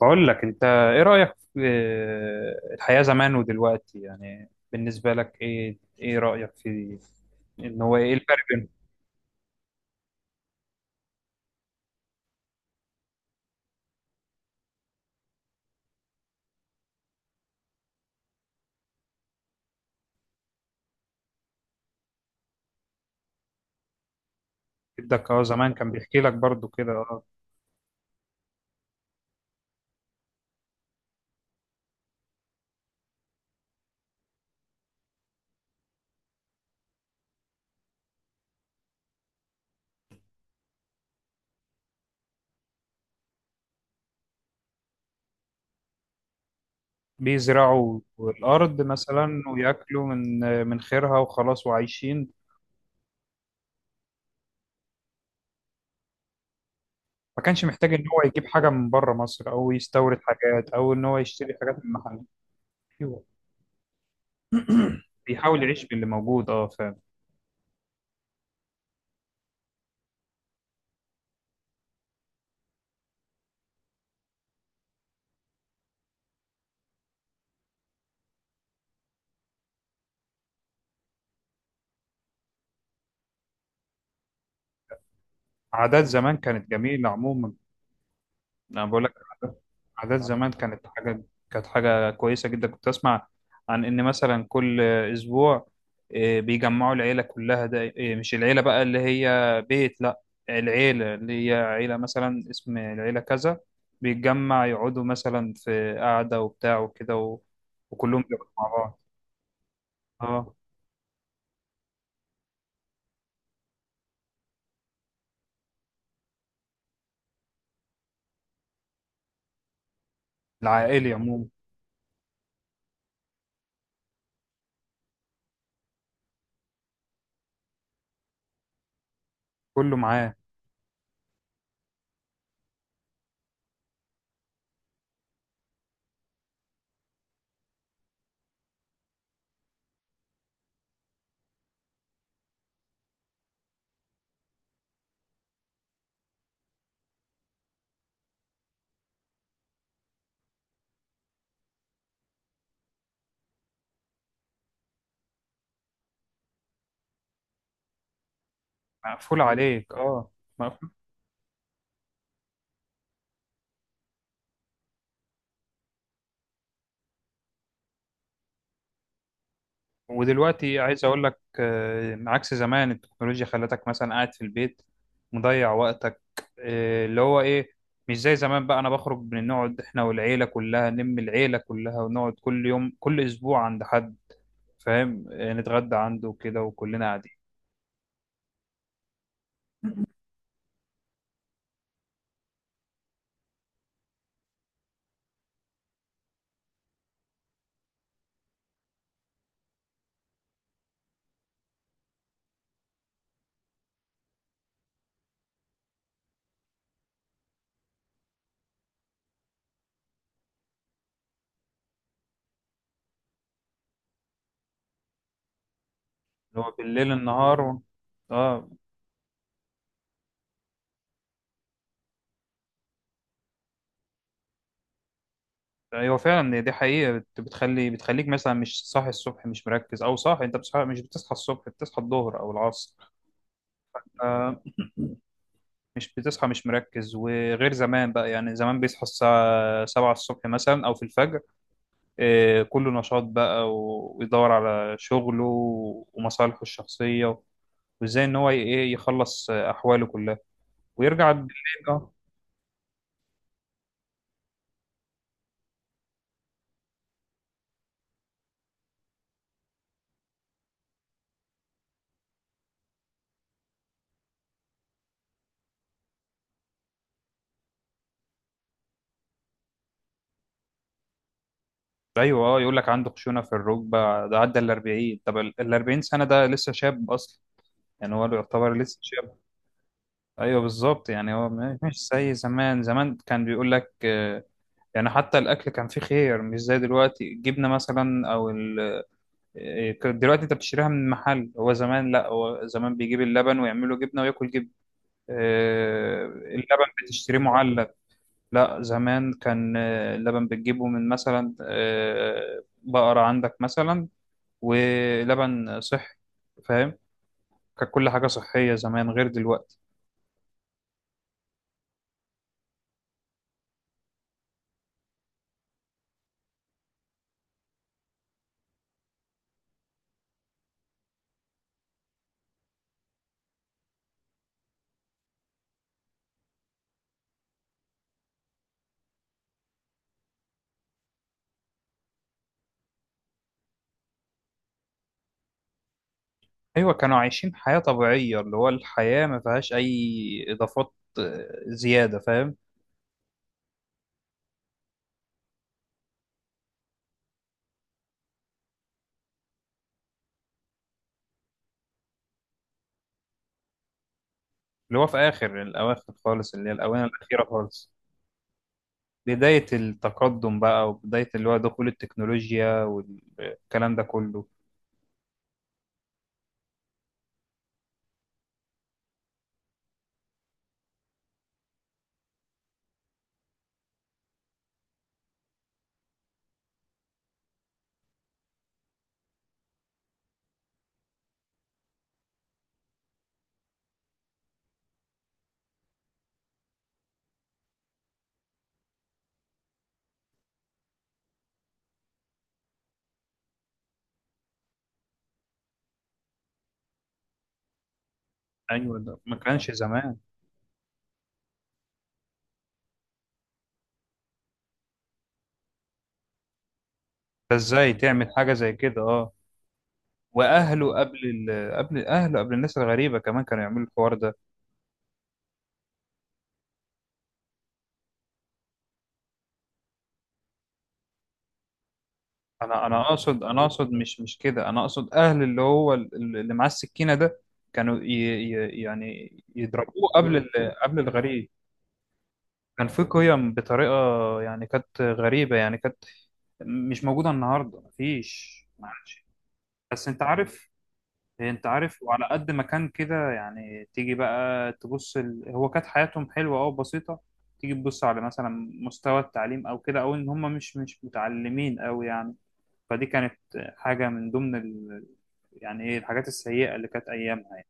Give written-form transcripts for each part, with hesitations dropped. بقول لك انت ايه رأيك في الحياة زمان ودلوقتي؟ يعني بالنسبة لك ايه ايه رأيك في ان هو ايه الفرق بينهم؟ جدك اه زمان كان بيحكي لك برضو كده اه؟ بيزرعوا الارض مثلا وياكلوا من من خيرها وخلاص وعايشين. ما كانش محتاج ان هو يجيب حاجة من بره مصر او يستورد حاجات او ان هو يشتري حاجات من محل. أيوة. بيحاول يعيش باللي موجود اه فعلا. عادات زمان كانت جميلة عموما. انا بقول لك عادات زمان كانت حاجه، كانت حاجه كويسه جدا. كنت اسمع عن ان مثلا كل اسبوع، بيجمعوا العيله كلها، ده مش العيله بقى اللي هي بيت، لا، العيله اللي هي عيله مثلا اسم العيله كذا، بيتجمع يقعدوا مثلا في قعده وبتاع وكده و... وكلهم بيقعدوا مع بعض. اه، العائلي عموما. كله معاه. مقفول عليك اه. ودلوقتي عايز اقول لك عكس زمان، التكنولوجيا خلتك مثلا قاعد في البيت مضيع وقتك، اللي هو ايه، مش زي زمان بقى. انا بخرج من نقعد احنا والعيلة كلها، نلم العيلة كلها ونقعد كل يوم كل اسبوع عند حد، فاهم، نتغدى عنده كده وكلنا قاعدين. اللي هو بالليل النهار و... اه. ايوه فعلا، دي حقيقة، بتخلي بتخليك مثلا مش صاحي الصبح، مش مركز، او صاحي. انت بتصحى، مش بتصحى الصبح، بتصحى الظهر او العصر. آه، مش بتصحى، مش مركز. وغير زمان بقى، يعني زمان بيصحى الساعة سبعة الصبح مثلا أو في الفجر، إيه، كله نشاط بقى ويدور على شغله ومصالحه الشخصية، وإزاي إن هو إيه يخلص أحواله كلها ويرجع بالليل. أه. أيوه أه، يقول لك عنده خشونة في الركبة، ده عدى ال 40. طب ال 40 سنة ده لسه شاب أصلا، يعني هو يعتبر لسه شاب. أيوه بالظبط، يعني هو مش زي زمان. زمان كان بيقول لك آه، يعني حتى الاكل كان فيه خيار، مش زي دلوقتي. الجبنه مثلا او ال... إيه، كان دلوقتي انت بتشتريها من محل، هو زمان لا، هو زمان بيجيب اللبن ويعمله جبنه وياكل جبنه. اللبن بتشتريه معلب؟ لا، زمان كان اللبن بتجيبه من مثلا بقره عندك مثلا، ولبن صحي، فاهم؟ كان كل حاجه صحيه زمان غير دلوقتي. ايوه، كانوا عايشين حياه طبيعيه، اللي هو الحياه ما فيهاش اي اضافات، زياده، فاهم. اللي هو في آخر الأواخر خالص، اللي هي الآونة الأخيرة خالص، بداية التقدم بقى وبداية اللي هو دخول التكنولوجيا والكلام ده كله. أيوة، ده ما كانش زمان. فإزاي تعمل حاجة زي كده، أه. وأهله قبل ال... قبل أهله قبل الناس الغريبة كمان كانوا يعملوا الحوار ده. أنا أقصد، أنا أقصد مش كده. أنا أقصد أهل اللي هو اللي معاه السكينة ده كانوا ي... ي... يعني يضربوه قبل ال... قبل الغريب. كان في قيم بطريقة، يعني كانت غريبة، يعني كانت مش موجودة النهاردة، مفيش، معلش. بس انت عارف، انت عارف، وعلى قد ما كان كده، يعني تيجي بقى تبص ال... هو كانت حياتهم حلوة او بسيطة، تيجي تبص على مثلا مستوى التعليم او كده، او ان هم مش مش متعلمين قوي يعني. فدي كانت حاجة من ضمن ال... يعني ايه الحاجات السيئة اللي كانت ايامها.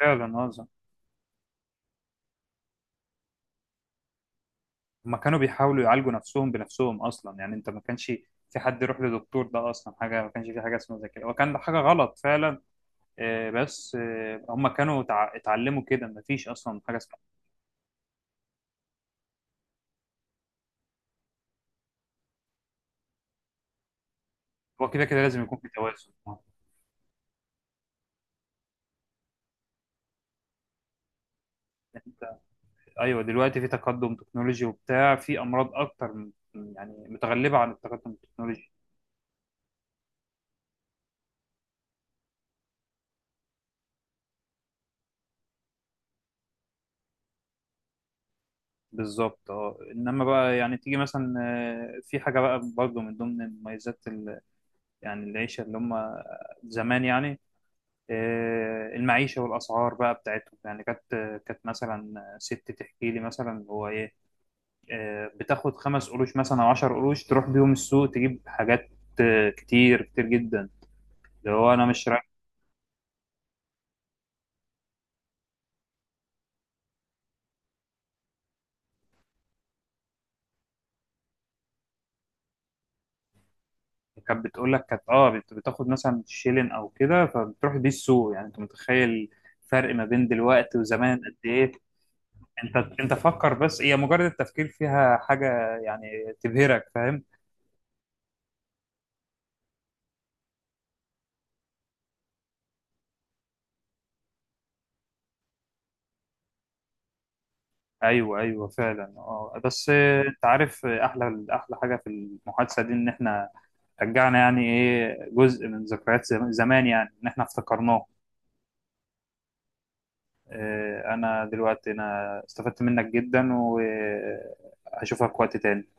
فعلا، هذا. هما كانوا بيحاولوا يعالجوا نفسهم بنفسهم اصلا، يعني انت ما كانش في حد يروح لدكتور، ده اصلا حاجة ما كانش في حاجة اسمها زي كده، وكان ده حاجة غلط فعلا. بس هم كانوا اتعلموا كده، مفيش اصلا حاجه اسمها. هو كده كده لازم يكون في توازن. انت، ايوه، دلوقتي في تقدم تكنولوجي وبتاع، في امراض اكتر يعني متغلبه عن التقدم التكنولوجي. بالظبط اه، انما بقى يعني تيجي مثلا، في حاجه بقى برضه من ضمن مميزات ال-، يعني العيشه اللي هم زمان يعني، المعيشه والاسعار بقى بتاعتهم يعني، كانت كانت مثلا ست تحكي لي مثلا هو ايه، بتاخد 5 قروش مثلا او 10 قروش تروح بيهم السوق تجيب حاجات كتير كتير جدا، اللي هو انا مش رايح. كانت بتقول لك كانت اه بتاخد مثلا شيلين او كده فبتروح بيه السوق. يعني انت متخيل الفرق ما بين دلوقتي وزمان قد ايه؟ انت انت فكر بس، هي مجرد التفكير فيها حاجة يعني تبهرك، فاهم. ايوه ايوه فعلا اه. بس انت عارف، احلى احلى حاجة في المحادثة دي ان احنا رجعنا يعني ايه جزء من ذكريات زمان، يعني ان احنا افتكرناه. انا دلوقتي انا استفدت منك جدا، وهشوفك وقت تاني.